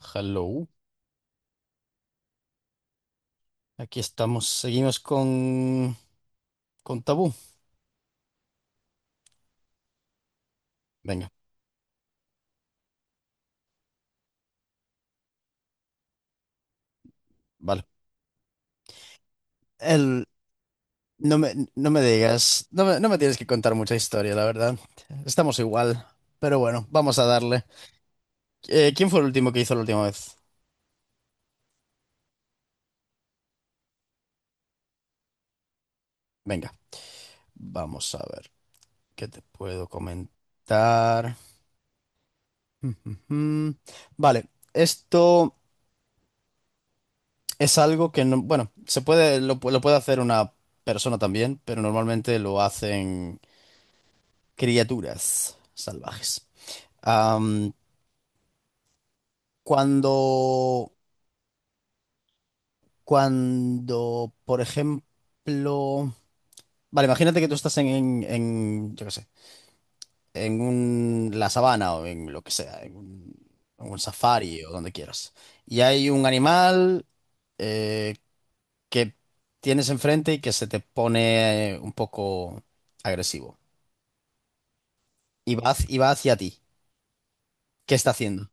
Hello, aquí estamos, seguimos con Tabú. Venga, vale. El, no me digas, no me tienes que contar mucha historia, la verdad. Estamos igual, pero bueno, vamos a darle. ¿Quién fue el último que hizo la última vez? Venga, vamos a ver qué te puedo comentar. Ujujú. Vale, esto es algo que no, bueno, se puede, lo puede hacer una persona también, pero normalmente lo hacen criaturas salvajes. Am, cuando, cuando, por ejemplo, vale, imagínate que tú estás en, yo qué sé, la sabana o en lo que sea, en un safari o donde quieras, y hay un animal eh, que tienes enfrente y que se te pone un poco agresivo y va, va hacia ti. ¿Qué está haciendo?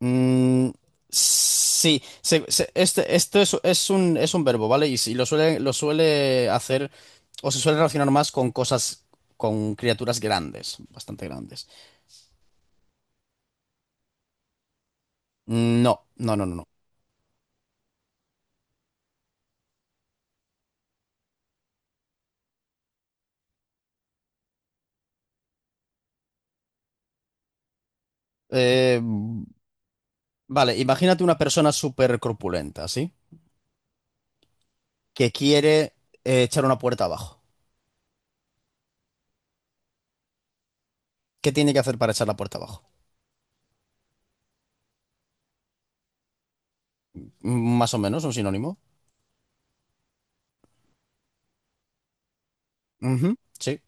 Mm, sí, esto es, es un verbo, ¿vale? Y, si lo suele, lo suele hacer o se suele relacionar más con cosas, con criaturas grandes, bastante grandes. Mm, no, no. Eh, vale, imagínate una persona súper corpulenta, ¿sí? Que quiere echar una puerta abajo. ¿Qué tiene que hacer para echar la puerta abajo? Mm, más o menos, un sinónimo. Ujú, sí.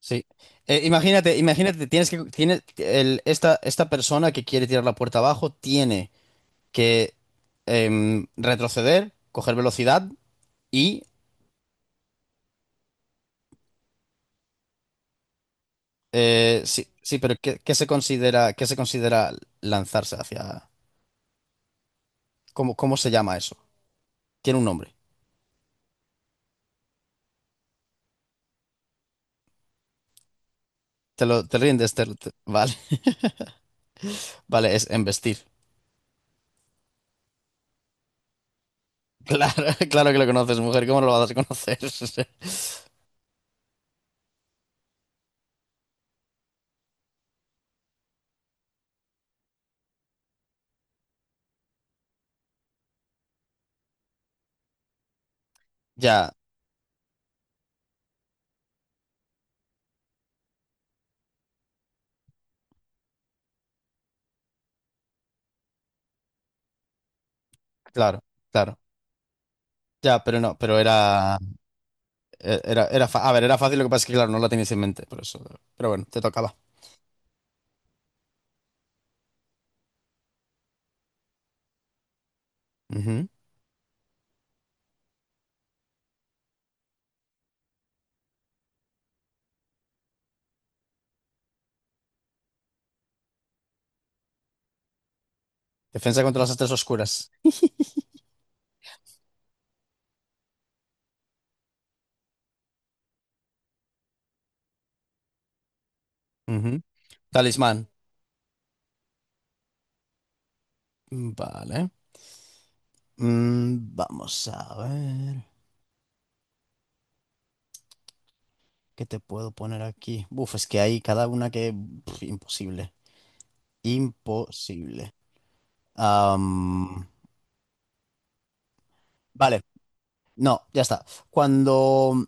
Sí. Imagínate, tienes que, tiene el, esta persona que quiere tirar la puerta abajo tiene que retroceder, coger velocidad y sí, sí, pero ¿qué se considera, qué se considera lanzarse hacia? ¿Cómo se llama eso? Tiene un nombre. Te rindes, vale, vale, es embestir. Claro, claro que lo conoces, mujer, ¿cómo no lo vas a conocer? Ya, claro, claro. Ya, pero no, pero era. Era, a ver, era fácil, lo que pasa es que, claro, no la tenías en mente, por eso. Pero bueno, te tocaba. Ujú. Defensa contra las artes oscuras. Ujú. Talismán. Vale. Mm, vamos a ver. ¿Qué te puedo poner aquí? Uf, es que hay cada una que pf, imposible. Imposible. Am, vale. No, ya está. Cuando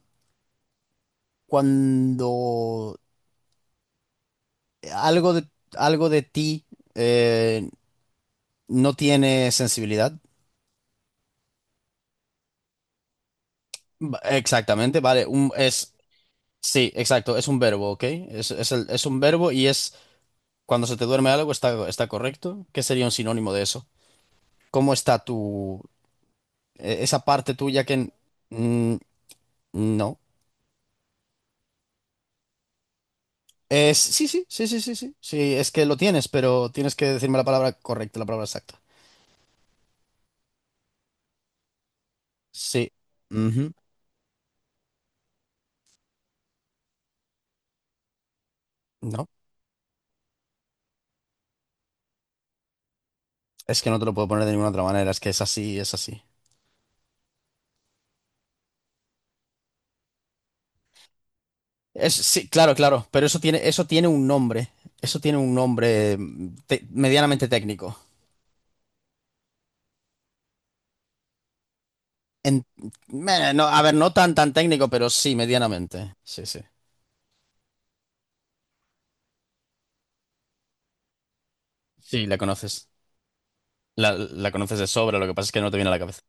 cuando algo de, algo de ti eh, no tiene sensibilidad. Exactamente, vale. Sí, exacto, es un verbo, ¿ok? Es un verbo y es cuando se te duerme algo, está correcto. ¿Qué sería un sinónimo de eso? ¿Cómo está e- esa parte tuya que n- mm, no. Es, sí, sí, sí, sí, sí, sí. Sí, es que lo tienes, pero tienes que decirme la palabra correcta, la palabra exacta. Sí. Ujú. No, es que no te lo puedo poner de ninguna otra manera, es que es así, es así. Sí, claro, claro, pero eso tiene un nombre. Eso tiene un nombre mm, medianamente técnico. En- no, a ver, no tan tan técnico, pero sí, medianamente. Sí, sí. Sí, la conoces. La conoces de sobra, lo que pasa es que no te viene a la cabeza.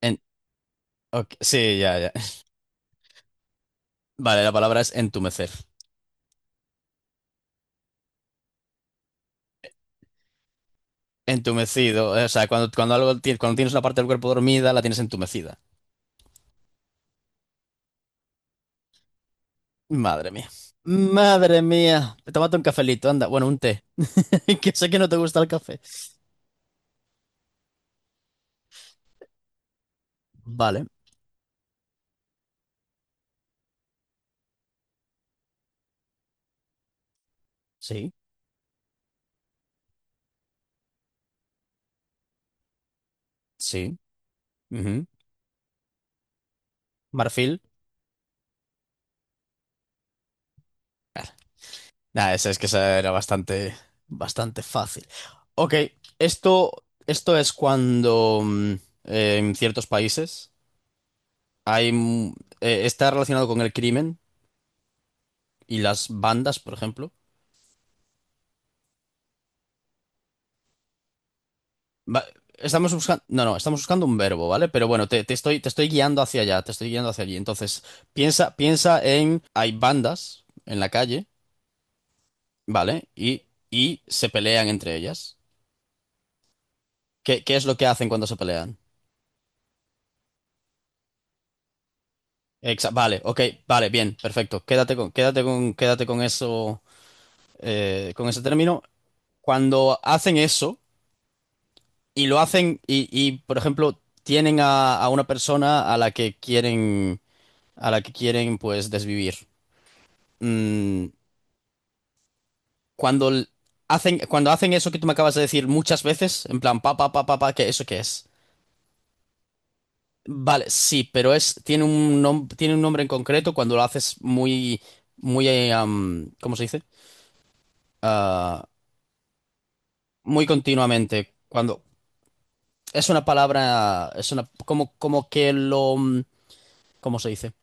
En- ok, sí, ya, ya. Vale, la palabra es entumecer. Entumecido, o sea, cuando algo, cuando tienes una parte del cuerpo dormida, la tienes entumecida. Madre mía. Madre mía. Tómate un cafelito, anda. Bueno, un té. Que sé que no te gusta el café. Vale. Sí. Sí. Ujú. Marfil. Nada, esa es que esa era bastante, bastante fácil. Ok, esto es cuando mm, en ciertos países hay, mm, está relacionado con el crimen y las bandas, por ejemplo. Va- estamos buscando, no, no, estamos buscando un verbo, ¿vale? Pero bueno, te estoy guiando hacia allá, te estoy guiando hacia allí. Entonces, piensa en, hay bandas en la calle, ¿vale? Y se pelean entre ellas. ¿Qué es lo que hacen cuando se pelean? Exa- vale, ok, vale, bien, perfecto. Quédate con eso, con ese término. Cuando hacen eso y lo hacen y, por ejemplo, tienen a una persona a la que quieren, a la que quieren, pues, desvivir. Mm, cuando l- hacen, cuando hacen eso que tú me acabas de decir muchas veces, en plan, pa, pa, pa, pa, pa, ¿qué, eso qué es? Vale, sí, pero es, tiene un tiene un nombre en concreto cuando lo haces muy, muy, ¿cómo se dice? Ah, muy continuamente. Cuando es una palabra, como que lo, mm, ¿cómo se dice?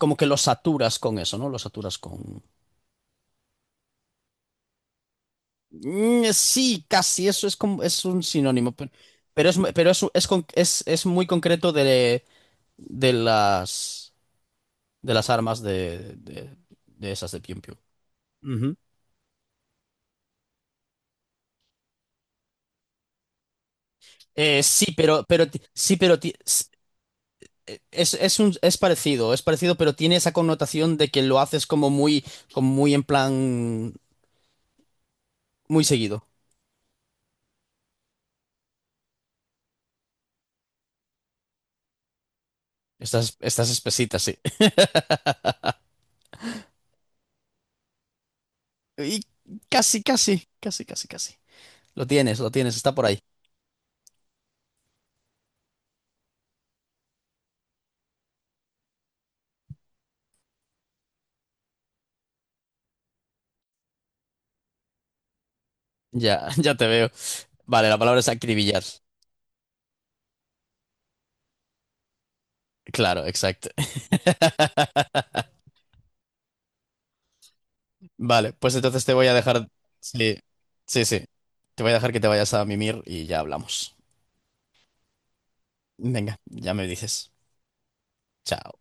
Como que lo saturas con eso, ¿no? Lo saturas con. Mm, sí, casi, eso es como, es un sinónimo, pero es pero es muy concreto de las de las armas de esas de Pium Pium. Ujú. Sí, pero, es un, es parecido, pero tiene esa connotación de que lo haces como muy en plan muy seguido. Estás, estás espesita, sí. Y casi. Lo tienes, está por ahí. Ya, ya te veo. Vale, la palabra es acribillar. Claro, exacto. Vale, pues entonces te voy a dejar. Sí, sí, sí. Te voy a dejar que te vayas a mimir y ya hablamos. Venga, ya me dices. Chao.